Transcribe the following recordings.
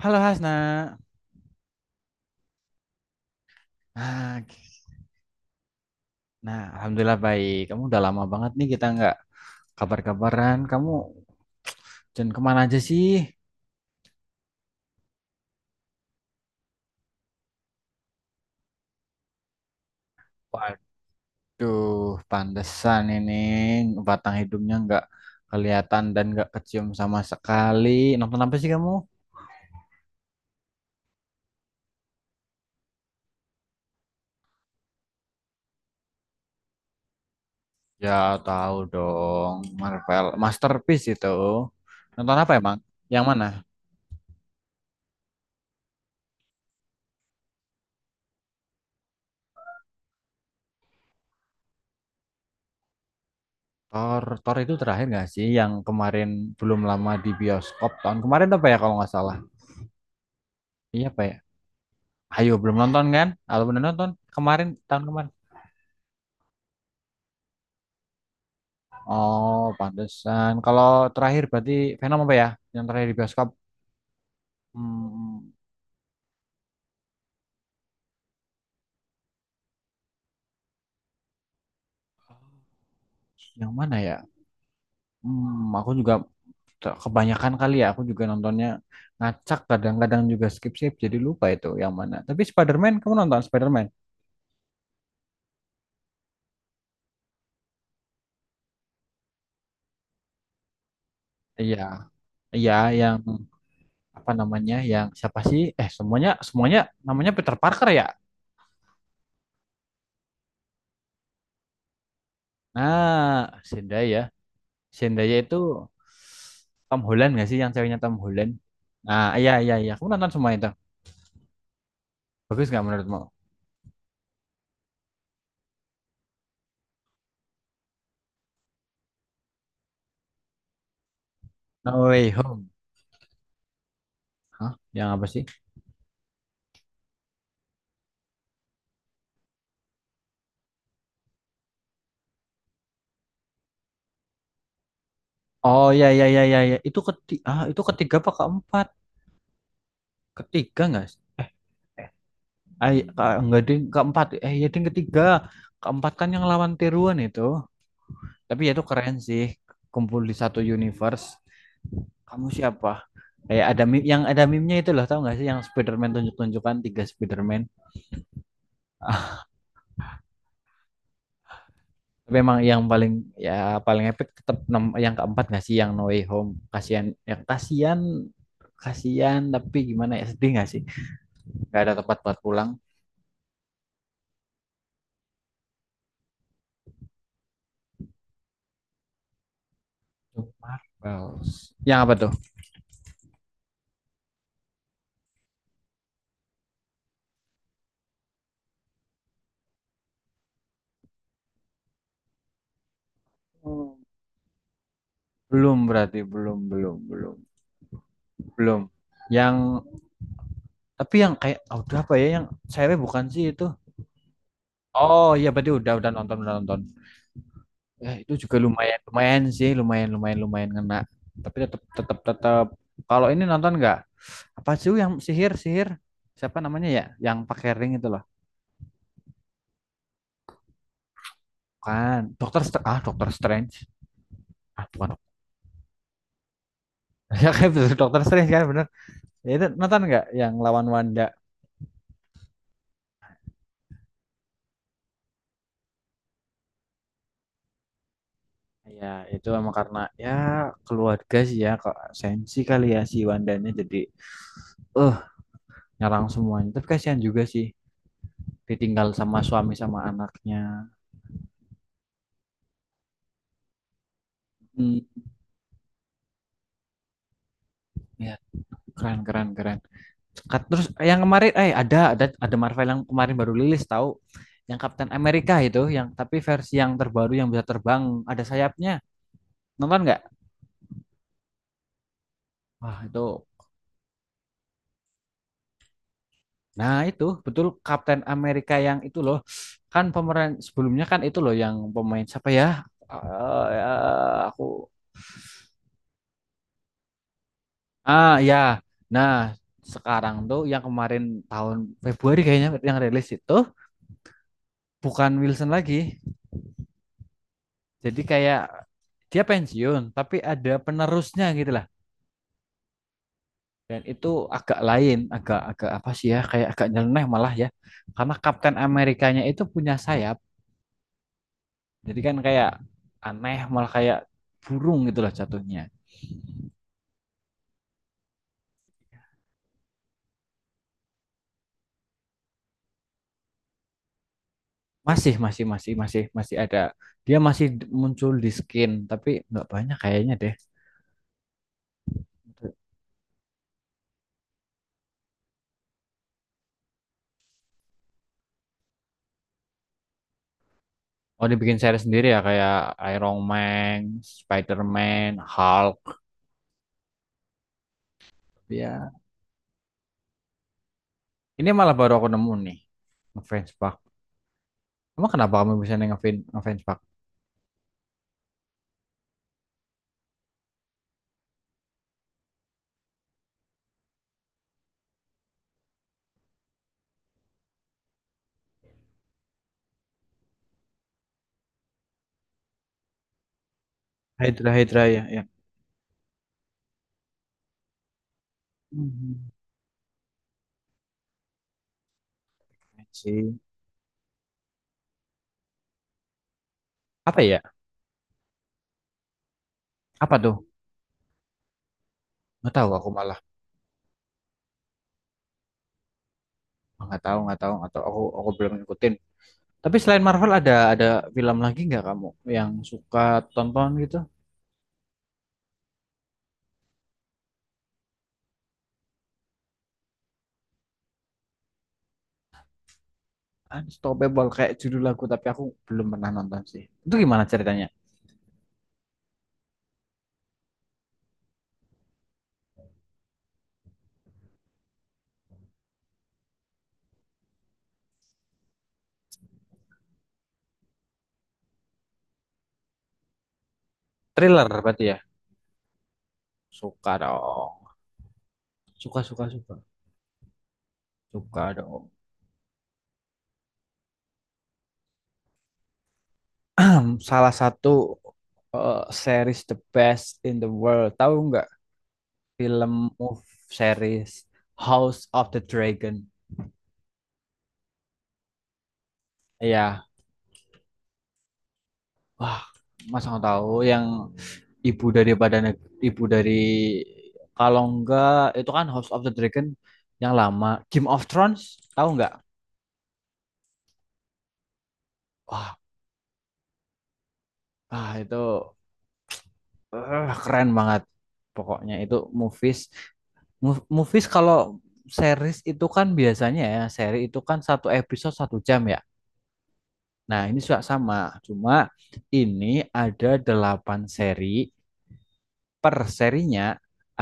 Halo Hasna. Nah, nah, alhamdulillah baik. Kamu udah lama banget nih kita nggak kabar-kabaran. Kamu jangan kemana aja sih? Waduh, pantesan ini batang hidungnya nggak kelihatan dan nggak kecium sama sekali. Nonton apa sih kamu? Ya tahu dong, Marvel Masterpiece itu. Nonton apa emang? Yang mana? Thor, Thor itu terakhir nggak sih? Yang kemarin belum lama di bioskop tahun kemarin apa ya kalau nggak salah? Iya apa ya? Ayo belum nonton kan? Kalau belum nonton kemarin tahun kemarin. Oh, pantesan. Kalau terakhir berarti Venom apa ya? Yang terakhir di bioskop. Hmm, yang mana ya? Hmm, aku juga kebanyakan kali ya. Aku juga nontonnya ngacak, kadang-kadang juga skip-skip, jadi lupa itu yang mana. Tapi Spider-Man, kamu nonton Spider-Man? Iya. Iya, yang apa namanya? Yang siapa sih? Eh, semuanya semuanya namanya Peter Parker ya? Nah, Zendaya. Zendaya itu Tom Holland nggak sih, yang ceweknya Tom Holland? Nah, iya, iya, iya. Aku nonton semua itu. Bagus nggak menurutmu? No Way Home. Hah? Yang apa sih? Oh, iya, iya, iya, iya, iya. Itu ketiga apa keempat? Ketiga nggak sih? Eh, enggak ding, keempat. Ya ding, ketiga. Keempat kan yang lawan tiruan itu. Tapi ya itu keren sih. Kumpul di satu universe. Kamu siapa? Kayak ada meme, yang ada meme-nya itu loh, tau nggak sih, yang Spider-Man tunjuk-tunjukkan tiga Spider-Man. Tapi emang yang paling, ya paling epic, tetap yang keempat nggak sih, yang No Way Home. Kasihan ya, kasihan, kasihan, tapi gimana ya, sedih nggak sih? Nggak ada tempat buat pulang. Marvels. Yang apa tuh? Belum, berarti belum, belum, belum, belum. Yang, tapi yang kayak, oh, udah apa ya, yang cewek bukan sih itu? Oh iya, berarti udah nonton, udah nonton. Ya itu juga lumayan, lumayan sih, lumayan, lumayan, lumayan ngena. Tapi tetap, tetap, tetap, kalau ini nonton nggak? Apa sih yang sihir, sihir, siapa namanya ya, yang pakai ring itu loh, kan Dokter Dokter Strange, ah bukan ya kan betul, Dokter Strange kan bener. Ya itu nonton nggak, yang lawan Wanda? Ya itu emang karena, ya keluarga sih, ya kok sensi kali ya si Wandanya, jadi eh nyerang semuanya, tapi kasihan juga sih, ditinggal sama suami sama anaknya. hmm, Ya, keren, keren, keren. Terus yang kemarin, ada Marvel yang kemarin baru rilis, tahu, yang Captain America itu, yang tapi versi yang terbaru, yang bisa terbang, ada sayapnya, nonton nggak? Wah itu, nah itu betul, Captain America yang itu loh. Kan pemeran sebelumnya kan itu loh, yang pemain siapa ya? Ya, aku, ya, nah, sekarang tuh yang kemarin tahun Februari kayaknya yang rilis itu bukan Wilson lagi. Jadi kayak dia pensiun tapi ada penerusnya gitu lah. Dan itu agak lain, agak agak apa sih ya? Kayak agak nyeleneh malah ya. Karena Kapten Amerikanya itu punya sayap. Jadi kan kayak aneh malah, kayak burung gitu lah jatuhnya. Masih, masih, masih, masih, masih ada. Dia masih muncul di skin tapi nggak banyak kayaknya deh. Oh, dibikin series sendiri ya, kayak Iron Man, Spider-Man, Hulk ya. Ini malah baru aku nemu nih. Ngefans banget. Emang kenapa kamu bisa ngefans ngefans Pak? Hydra, Hydra, ya, ya. Hmm. Keren sih. Apa ya? Apa tuh? Nggak tahu aku malah. Nggak tahu, atau, aku belum ngikutin. Tapi selain Marvel ada film lagi nggak, kamu yang suka tonton gitu? Unstoppable, kayak judul lagu, tapi aku belum pernah nonton sih. Itu gimana ceritanya? Thriller berarti ya? Suka dong. Suka, suka, suka. Suka dong. Salah satu, series the best in the world. Tahu nggak, film, move, series House of the Dragon. Iya, wah, Mas nggak tahu yang, ibu daripada ibu dari, kalau enggak itu kan House of the Dragon yang lama, Game of Thrones, tahu nggak? Wah, itu, keren banget. Pokoknya itu movies, movies kalau series itu kan biasanya ya, seri itu kan satu episode satu jam ya. Nah, ini juga sama, cuma ini ada delapan seri, per serinya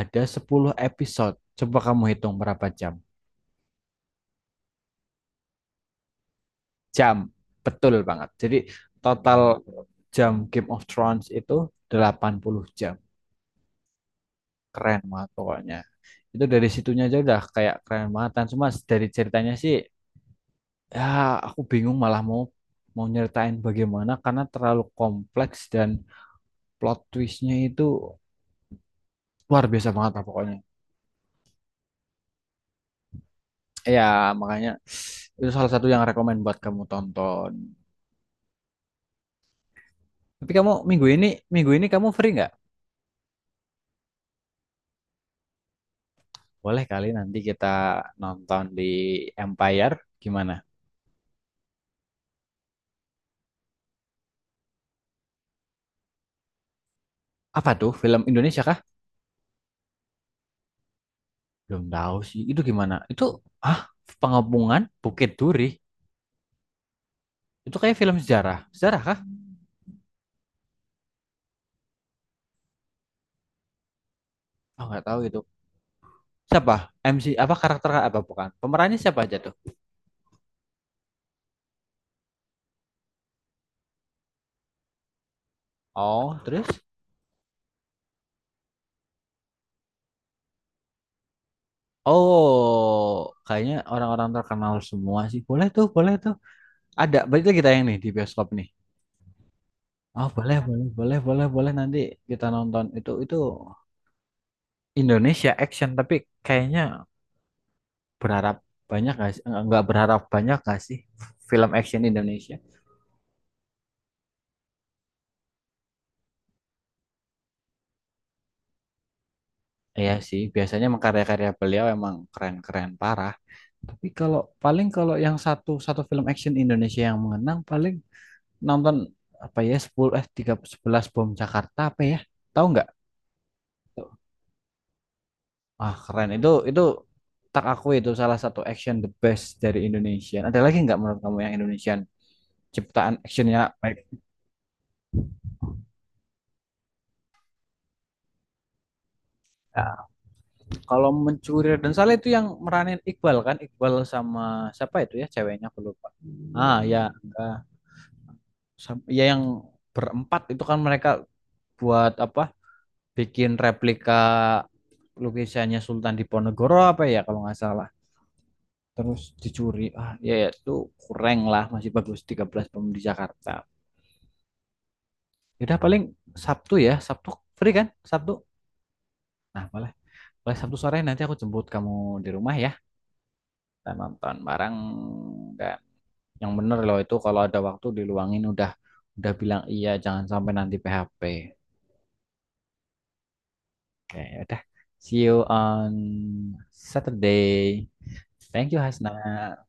ada 10 episode. Coba kamu hitung berapa jam. Jam, betul banget. Jadi total jam Game of Thrones itu 80 jam. Keren banget pokoknya. Itu dari situnya aja udah kayak keren banget. Dan cuma dari ceritanya sih, ya aku bingung malah mau, mau nyeritain bagaimana karena terlalu kompleks, dan plot twistnya itu luar biasa banget lah pokoknya. Ya makanya itu salah satu yang rekomend buat kamu tonton. Tapi kamu minggu ini kamu free nggak? Boleh kali nanti kita nonton di Empire. Gimana? Apa tuh, film Indonesia kah? Belum tahu sih. Itu gimana? Itu, ah, Pengepungan Bukit Duri. Itu kayak film sejarah. Sejarah kah? Oh, nggak tahu itu. Siapa? MC apa karakter apa bukan? Pemerannya siapa aja tuh? Oh, terus? Oh kayaknya orang-orang terkenal semua sih. Boleh tuh, boleh tuh. Ada berarti kita yang nih di bioskop nih. Oh boleh, boleh, boleh, boleh, boleh, nanti kita nonton itu Indonesia action, tapi kayaknya berharap banyak gak sih? Nggak berharap banyak gak sih film action Indonesia? Iya sih, biasanya emang karya-karya beliau emang keren-keren parah. Tapi kalau paling, kalau yang satu, satu film action Indonesia yang mengenang paling, nonton apa ya, 10 eh 3 11 Bom Jakarta apa ya? Tahu nggak? Ah, keren. Itu, tak aku itu salah satu action the best dari Indonesia. Ada lagi nggak menurut kamu yang Indonesian ciptaan actionnya baik? Kalau Mencuri dan Salah itu yang meranin Iqbal kan? Iqbal sama siapa itu ya ceweknya, aku lupa. Ah ya, enggak. Ya, yang berempat itu kan mereka buat apa? Bikin replika lukisannya Sultan Diponegoro apa ya kalau nggak salah. Terus dicuri. Ah ya, ya itu kurang lah, masih bagus 13 bom di Jakarta. Yaudah paling Sabtu ya. Sabtu free kan? Sabtu. Nah, boleh. Boleh Sabtu sore nanti aku jemput kamu di rumah ya. Kita nonton bareng. Enggak, yang bener loh itu, kalau ada waktu diluangin udah bilang iya, jangan sampai nanti PHP. Oke, udah. See you on Saturday. Thank you, Hasna.